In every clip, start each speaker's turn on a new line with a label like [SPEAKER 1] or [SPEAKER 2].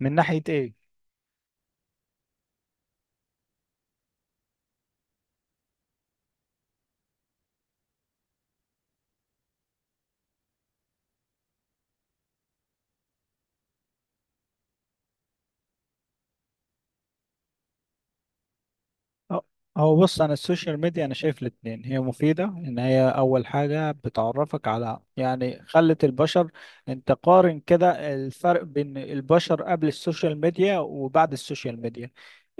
[SPEAKER 1] من ناحية ايه؟ أه، هو بص، انا السوشيال ميديا انا شايف الاتنين هي مفيدة. ان هي اول حاجة بتعرفك على، يعني، خلت البشر. انت قارن كده الفرق بين البشر قبل السوشيال ميديا وبعد السوشيال ميديا.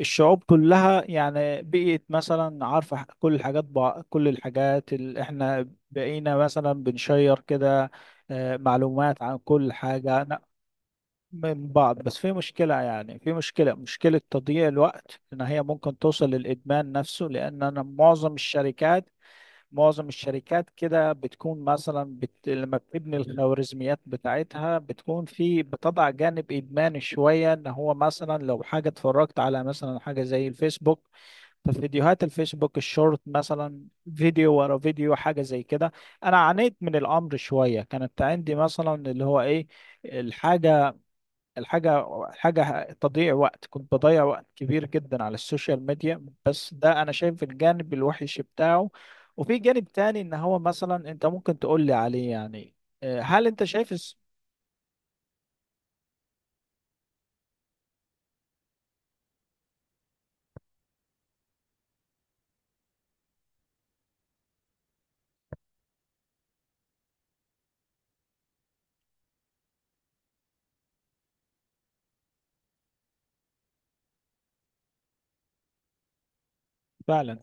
[SPEAKER 1] الشعوب كلها يعني بقيت مثلا عارفة، كل الحاجات، كل الحاجات اللي احنا بقينا مثلا بنشير كده. آه، معلومات عن كل حاجة. من بعض، بس في مشكلة. يعني في مشكلة تضييع الوقت، إن هي ممكن توصل للإدمان نفسه. لأن أنا معظم الشركات، معظم الشركات كده بتكون مثلا لما بتبني الخوارزميات بتاعتها بتكون بتضع جانب إدماني شوية، إن هو مثلا لو حاجة اتفرجت على مثلا حاجة زي الفيسبوك، ففيديوهات الفيسبوك الشورت مثلا، فيديو ورا فيديو، حاجة زي كده. أنا عانيت من الأمر شوية، كانت عندي مثلا اللي هو إيه، الحاجة، الحاجة تضييع وقت، كنت بضيع وقت كبير جدا على السوشيال ميديا. بس ده أنا شايف الجانب الوحش بتاعه، وفي جانب تاني إن هو مثلا أنت ممكن تقول لي عليه يعني. آه، هل أنت شايف فعلا؟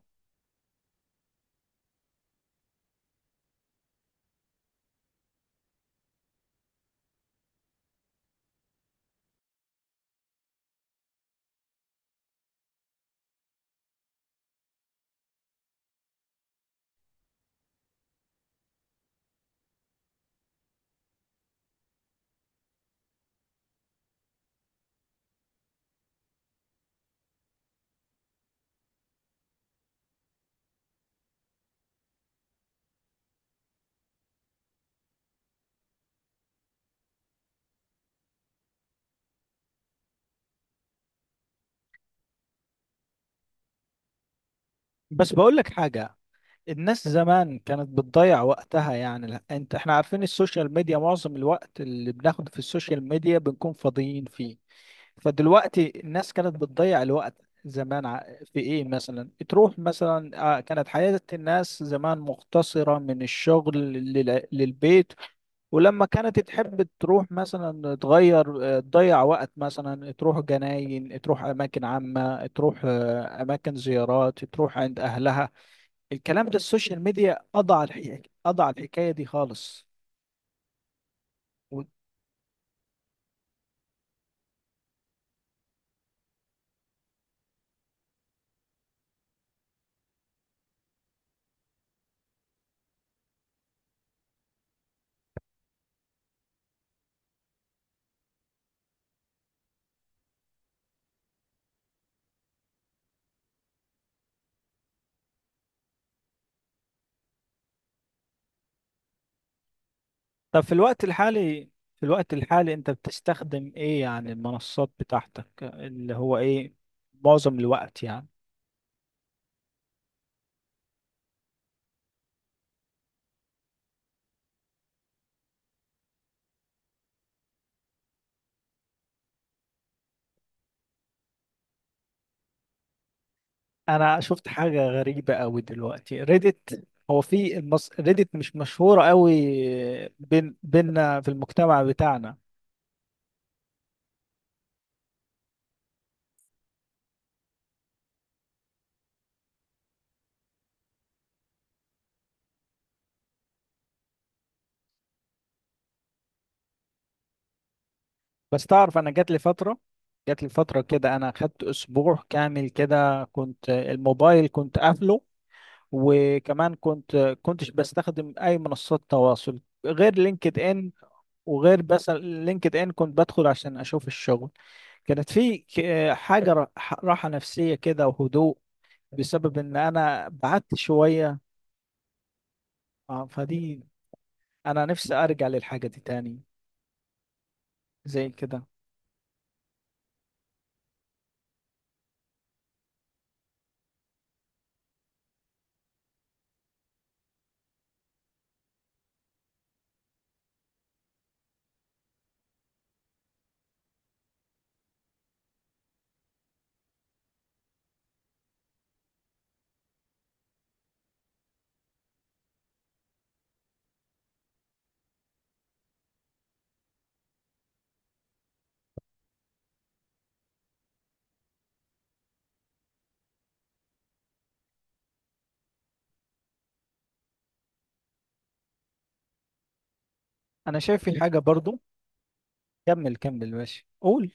[SPEAKER 1] بس بقول لك حاجة، الناس زمان كانت بتضيع وقتها. يعني لا، انت احنا عارفين السوشيال ميديا معظم الوقت اللي بناخده في السوشيال ميديا بنكون فاضيين فيه. فدلوقتي الناس كانت بتضيع الوقت. زمان، في ايه، مثلا تروح مثلا، آه، كانت حياة الناس زمان مختصرة من الشغل للبيت. ولما كانت تحب تروح مثلا تغير، آه، تضيع وقت، مثلا تروح جناين، تروح أماكن عامة، تروح، آه، أماكن زيارات، تروح عند أهلها. الكلام ده السوشيال ميديا قضى على الحكاية، قضى على الحكاية دي خالص. و- طب في الوقت الحالي، في الوقت الحالي انت بتستخدم ايه يعني؟ المنصات بتاعتك اللي هو ايه معظم الوقت يعني؟ انا شفت حاجة غريبة قوي دلوقتي، ريدت. هو في ريدت مش مشهورة قوي بين بيننا في المجتمع بتاعنا. بس تعرف، انا جات لي فترة، جات لي فترة كده، انا خدت اسبوع كامل كده كنت الموبايل كنت قافله. وكمان كنتش بستخدم اي منصات تواصل غير لينكد ان. وغير، بس لينكد ان كنت بدخل عشان اشوف الشغل. كانت في حاجة، راحة نفسية كده وهدوء، بسبب ان انا بعدت شوية. آه، فدي، انا نفسي ارجع للحاجة دي تاني، زي كده. انا شايف في حاجة برضو. كمل كمل ماشي، قول.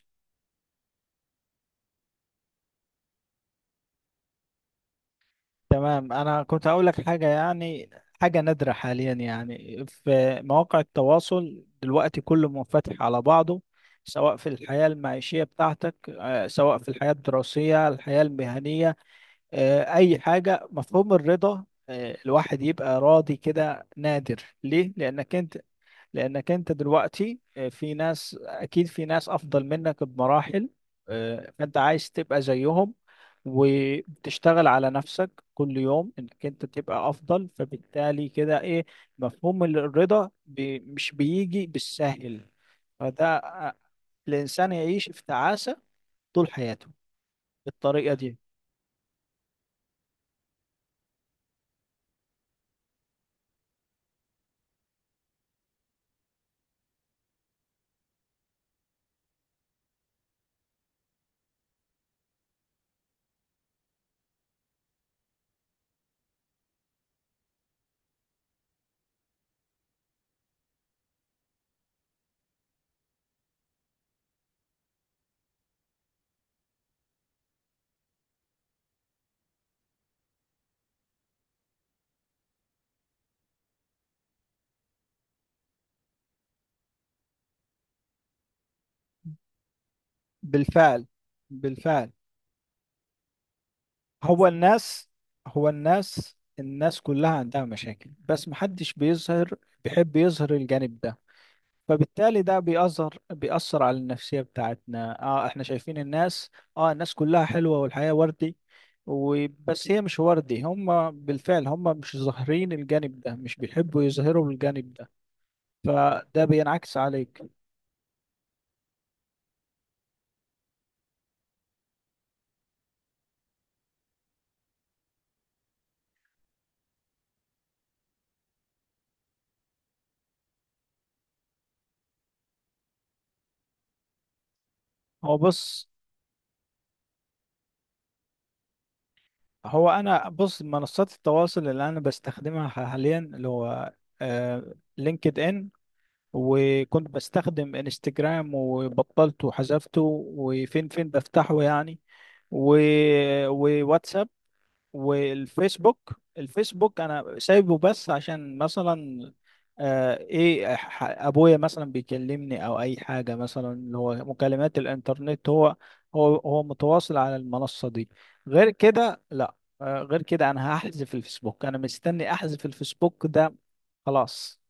[SPEAKER 1] تمام، انا كنت هقول لك حاجه يعني، حاجه نادره حاليا. يعني في مواقع التواصل دلوقتي كله منفتح على بعضه، سواء في الحياه المعيشيه بتاعتك، آه، سواء في الحياه الدراسيه، الحياه المهنيه، آه، اي حاجه. مفهوم الرضا، آه، الواحد يبقى راضي كده، نادر. ليه؟ لانك انت، لانك انت دلوقتي، آه، في ناس، اكيد في ناس افضل منك بمراحل. آه، فانت عايز تبقى زيهم وتشتغل على نفسك كل يوم انك انت تبقى افضل. فبالتالي كده ايه، مفهوم الرضا بي مش بيجي بالسهل. فده، آه، الانسان يعيش في تعاسة طول حياته بالطريقة دي. بالفعل، بالفعل. هو الناس، هو الناس الناس كلها عندها مشاكل بس محدش بيظهر، بيحب يظهر الجانب ده. فبالتالي ده بيأثر على النفسية بتاعتنا. اه احنا شايفين الناس، اه، الناس كلها حلوة والحياة وردي. وبس هي مش وردي، هم بالفعل، هم مش ظاهرين الجانب ده، مش بيحبوا يظهروا الجانب ده. فده بينعكس عليك. هو بص، هو انا بص، منصات التواصل اللي انا بستخدمها حاليا اللي هو آه لينكد ان. وكنت بستخدم انستجرام وبطلته وحذفته. وفين فين بفتحه يعني. و... وواتساب، والفيسبوك. الفيسبوك انا سايبه بس عشان مثلا، آه، ايه، ابويا مثلا بيكلمني، او اي حاجه، مثلا اللي هو مكالمات الانترنت. هو هو هو متواصل على المنصه دي، غير كده لا. آه، غير كده انا هحذف الفيسبوك. انا مستني احذف الفيسبوك ده خلاص.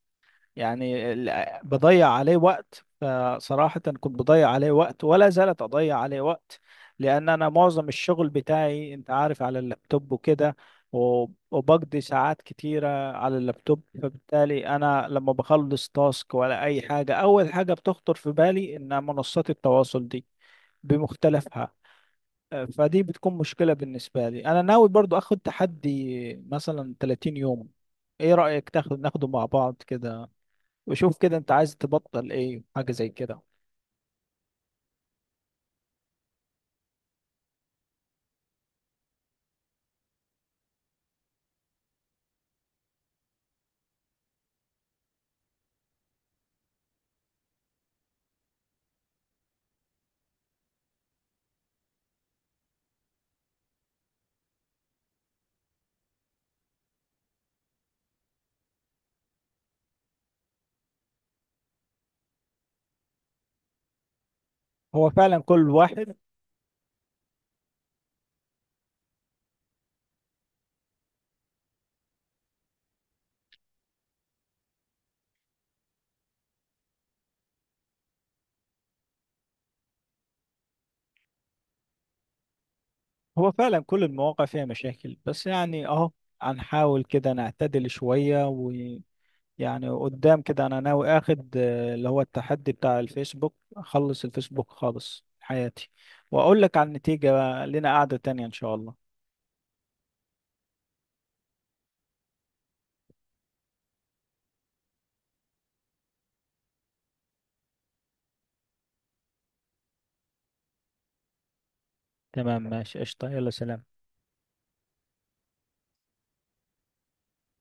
[SPEAKER 1] يعني بضيع عليه وقت، فصراحة كنت بضيع عليه وقت ولا زالت أضيع عليه وقت. لأن أنا معظم الشغل بتاعي أنت عارف على اللابتوب وكده. وبقضي ساعات كتيرة على اللابتوب. فبالتالي أنا لما بخلص تاسك ولا أي حاجة، أول حاجة بتخطر في بالي إن منصات التواصل دي بمختلفها. أه، فدي بتكون مشكلة بالنسبة لي. أنا ناوي برضو أخد تحدي مثلا 30 يوم. إيه رأيك تاخد، ناخده مع بعض كده؟ وشوف كده انت عايز تبطل ايه، حاجة زي كده. هو فعلا كل واحد، هو فعلا كل المواقع فيها مشاكل. بس يعني اهو، هنحاول كده نعتدل شوية ويعني. قدام كده انا ناوي اخد، آه، اللي هو التحدي بتاع الفيسبوك، اخلص الفيسبوك خالص حياتي. واقول لك عن النتيجة بقى، لنا قعدة تانية ان شاء الله. تمام ماشي، قشطة، يلا سلام.